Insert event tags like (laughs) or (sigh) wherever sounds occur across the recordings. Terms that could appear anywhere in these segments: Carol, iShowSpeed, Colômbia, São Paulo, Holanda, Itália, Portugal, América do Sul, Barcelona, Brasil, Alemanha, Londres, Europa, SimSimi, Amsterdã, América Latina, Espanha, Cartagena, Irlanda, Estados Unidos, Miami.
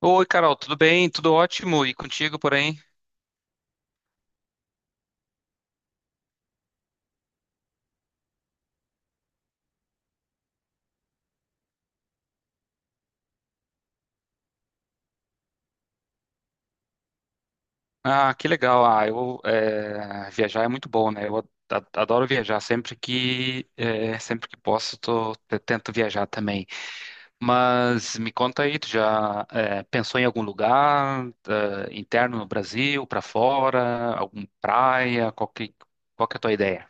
Oi, Carol, tudo bem? Tudo ótimo? E contigo, porém? Ah, que legal. Ah, viajar é muito bom, né? Adoro viajar. Sempre que posso, eu tento viajar também. Mas me conta aí, tu já pensou em algum lugar interno no Brasil, pra fora, alguma praia? Qual que é a tua ideia?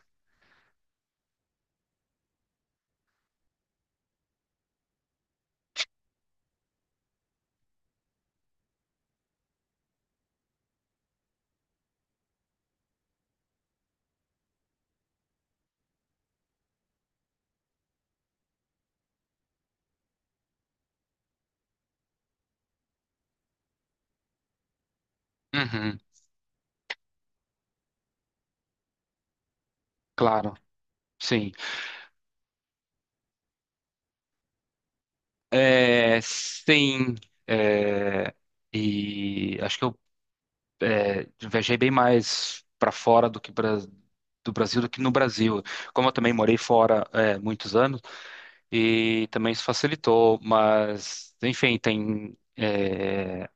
Uhum, claro, sim. É, sim. é, e acho que eu viajei bem mais para fora do Brasil do que no Brasil. Como eu também morei fora muitos anos e também isso facilitou, mas enfim,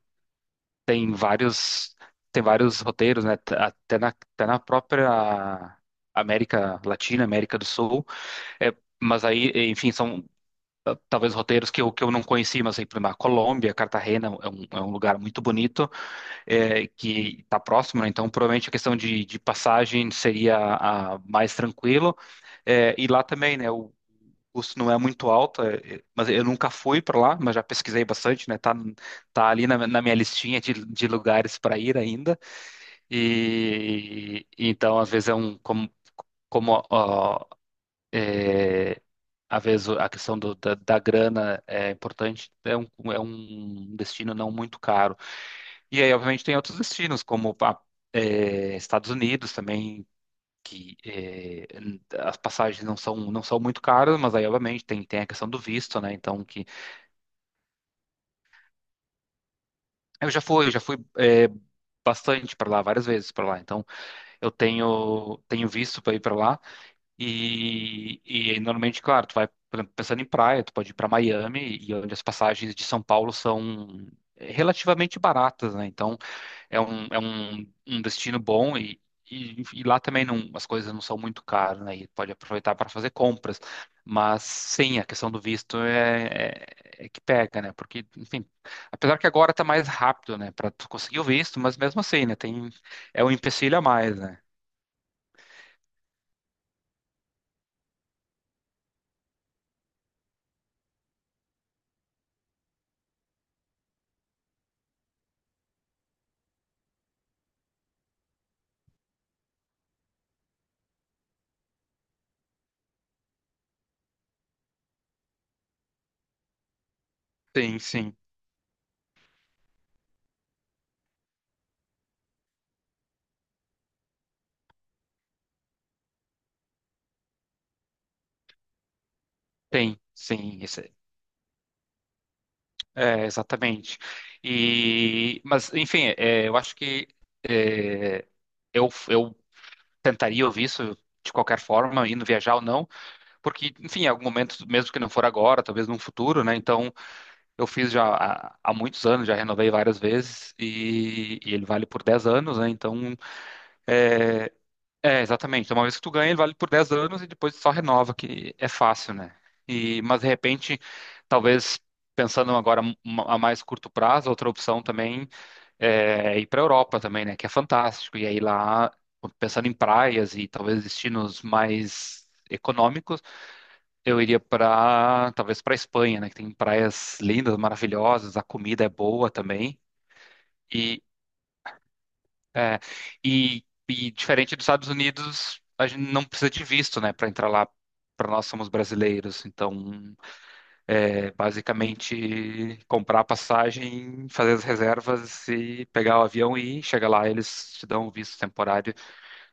tem vários tem vários roteiros, né? Até até na própria América Latina, América do Sul. É, mas aí, enfim, são ah, talvez roteiros que que eu não conheci, mas aí, por exemplo, a Colômbia, Cartagena é é um lugar muito bonito que está próximo, né? Então provavelmente a questão de passagem seria mais tranquilo. É, e lá também, né? O custo não é muito alto, mas eu nunca fui para lá, mas já pesquisei bastante, né? Tá, tá ali na minha listinha de lugares para ir ainda. E então, às vezes é um como como ó, às vezes a questão da grana é importante, é um destino não muito caro. E aí, obviamente, tem outros destinos, Estados Unidos também, que as passagens não são muito caras, mas aí, obviamente, tem a questão do visto, né? Então, que eu já fui, bastante para lá, várias vezes para lá. Então, tenho visto para ir para lá. E normalmente, claro, tu vai, por exemplo, pensando em praia, tu pode ir para Miami, e onde as passagens de São Paulo são relativamente baratas, né? Então, um destino bom e lá também não, as coisas não são muito caras, né? E pode aproveitar para fazer compras. Mas sim, a questão do visto é que pega, né? Porque, enfim, apesar que agora tá mais rápido, né, para tu conseguir o visto, mas mesmo assim, né, tem é um empecilho a mais, né? Sim, sim, tem, sim. É, exatamente. E, mas, enfim, eu acho que é, eu tentaria ouvir isso de qualquer forma, indo viajar ou não, porque, enfim, em algum momento, mesmo que não for agora, talvez num futuro, né? Então, eu fiz já há muitos anos, já renovei várias vezes e ele vale por 10 anos, né? Então, é, é, exatamente. Então, uma vez que tu ganha, ele vale por 10 anos e depois só renova, que é fácil, né? E, mas de repente, talvez pensando agora a mais curto prazo, outra opção também é ir para a Europa também, né? Que é fantástico. E aí lá, pensando em praias e talvez destinos mais econômicos, eu iria para talvez para a Espanha, né? Que tem praias lindas, maravilhosas, a comida é boa também. É, e diferente dos Estados Unidos, a gente não precisa de visto, né, para entrar lá. Para nós somos brasileiros, então é basicamente comprar a passagem, fazer as reservas e pegar o avião e chegar lá. Eles te dão o visto temporário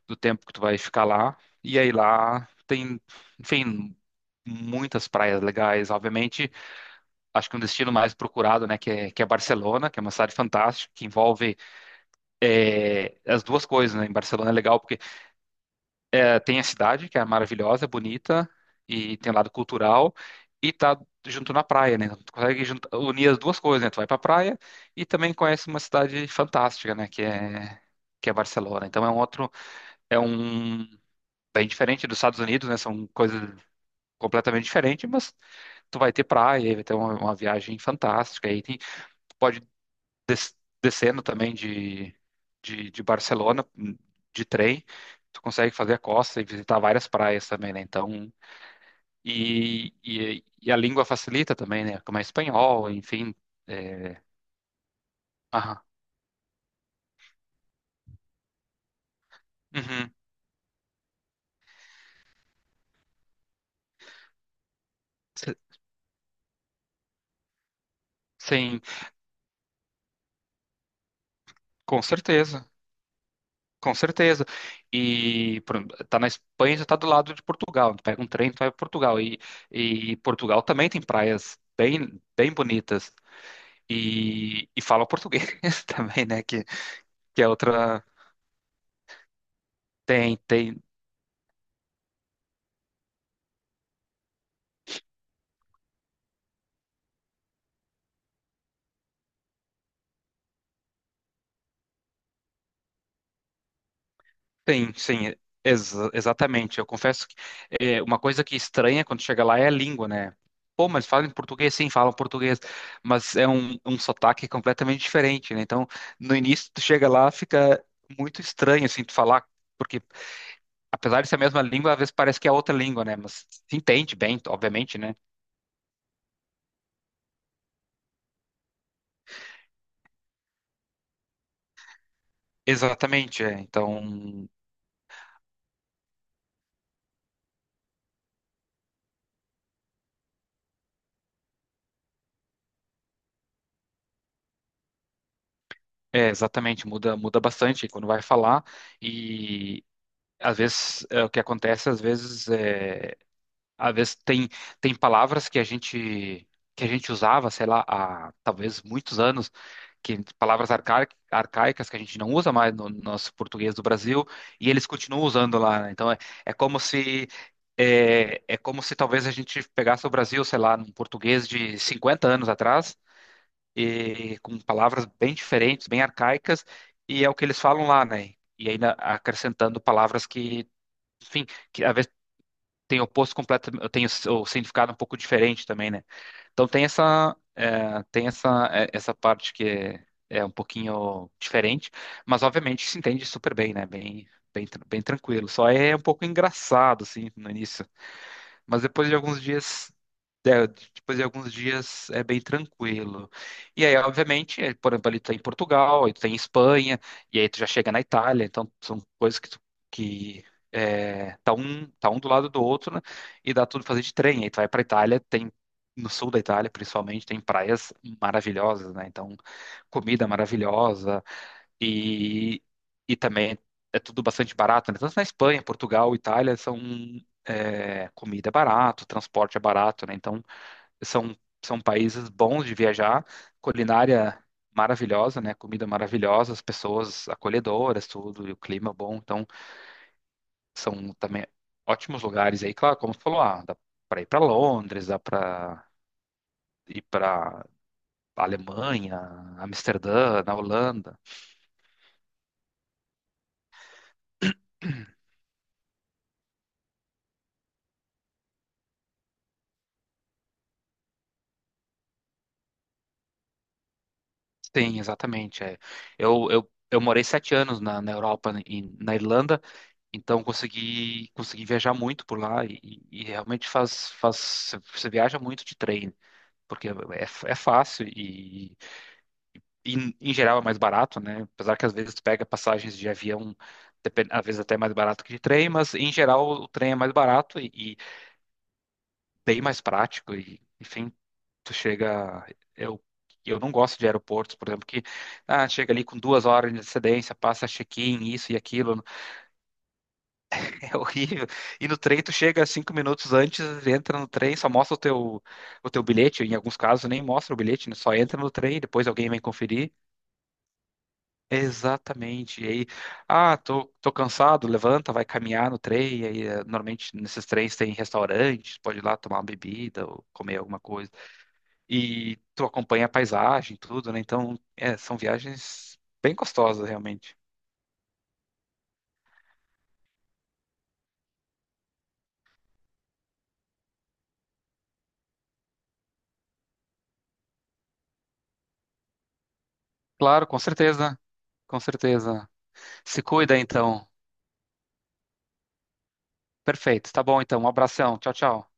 do tempo que tu vai ficar lá. E aí lá tem, enfim, muitas praias legais. Obviamente, acho que um destino mais procurado, né, que é Barcelona, que é uma cidade fantástica, que envolve as duas coisas, né? Em Barcelona é legal. É, tem a cidade, que é maravilhosa, bonita, e tem o lado cultural, e tá junto na praia, né? Então, tu consegue unir as duas coisas, né? Tu vai pra praia e também conhece uma cidade fantástica, né? Que é Barcelona. Então é um outro, é um bem diferente dos Estados Unidos, né? São coisas completamente diferentes, mas tu vai ter praia, vai ter uma viagem fantástica. E tem, tu pode des- descendo também de Barcelona de trem, tu consegue fazer a costa e visitar várias praias também, né? Então, e a língua facilita também, né? Como é espanhol, enfim. É... Aham. Uhum. S- Sim, com certeza. Com certeza. E por exemplo, tá na Espanha, já tá do lado de Portugal. Tu pega um trem, tu vai para Portugal. E Portugal também tem praias bem bonitas. E fala português (laughs) também, né? Que é outra, Tem, tem, tem, sim, exatamente. Eu confesso que uma coisa que estranha quando chega lá é a língua, né? Pô, mas falam em português, sim, falam português, mas é um, um sotaque completamente diferente, né? Então, no início, tu chega lá, fica muito estranho, assim, tu falar, porque apesar de ser a mesma língua, às vezes parece que é outra língua, né? Mas se entende bem, obviamente, né? Exatamente, é. Então, é, exatamente, muda bastante quando vai falar e... o que acontece, às vezes tem, tem palavras que a gente usava, sei lá, há talvez muitos anos, que arcaicas que a gente não usa mais no nosso português do Brasil e eles continuam usando lá, né? Então é como se é como se talvez a gente pegasse o Brasil, sei lá, num português de 50 anos atrás e com palavras bem diferentes, bem arcaicas e é o que eles falam lá, né? E ainda acrescentando palavras que, enfim, que às tem o posto completo, o significado um pouco diferente também, né? Então tem essa essa parte que é, é um pouquinho diferente, mas obviamente se entende super bem, né? Bem tranquilo. Só é um pouco engraçado assim no início, mas depois de alguns dias, é, depois de alguns dias é bem tranquilo. E aí, obviamente, é, por exemplo, ali tu tá em Portugal, aí tu tá em Espanha, e aí tu já chega na Itália, então são coisas que tu, que é, tá um do lado do outro, né? E dá tudo pra fazer de trem. Aí tu vai pra Itália, tem no sul da Itália, principalmente, tem praias maravilhosas, né? Então, comida maravilhosa e, e também é tudo bastante barato, né? Tanto na Espanha, Portugal, Itália, são é, comida é barato, transporte é barato, né? Então, são, são países bons de viajar, culinária maravilhosa, né? Comida maravilhosa, as pessoas acolhedoras, tudo, e o clima bom. Então, são também ótimos lugares aí, claro, como você falou, ah, dá para ir para Londres, dá para ir para Alemanha, Amsterdã, na Holanda. Sim, exatamente. É. Eu morei 7 anos na Europa, na Irlanda. Então consegui viajar muito por lá e, e realmente faz você viaja muito de trem porque é fácil e, em geral é mais barato, né? Apesar que às vezes tu pega passagens de avião às vezes até mais barato que de trem, mas em geral o trem é mais barato e bem mais prático e enfim tu chega. eu Eu não gosto de aeroportos, por exemplo, que ah, chega ali com 2 horas de antecedência, passa check-in, isso e aquilo. (laughs) É horrível. E no trem tu chega 5 minutos antes, entra no trem, só mostra o teu bilhete. Em alguns casos nem mostra o bilhete, né? Só entra no trem, depois alguém vem conferir. Exatamente. E aí, ah, tô cansado, levanta, vai caminhar no trem. E aí, normalmente nesses trens tem restaurantes, pode ir lá tomar uma bebida ou comer alguma coisa. E tu acompanha a paisagem, tudo, né? Então, é, são viagens bem gostosas, realmente. Claro, com certeza, com certeza. Se cuida, então. Perfeito. Tá bom, então. Um abração. Tchau, tchau.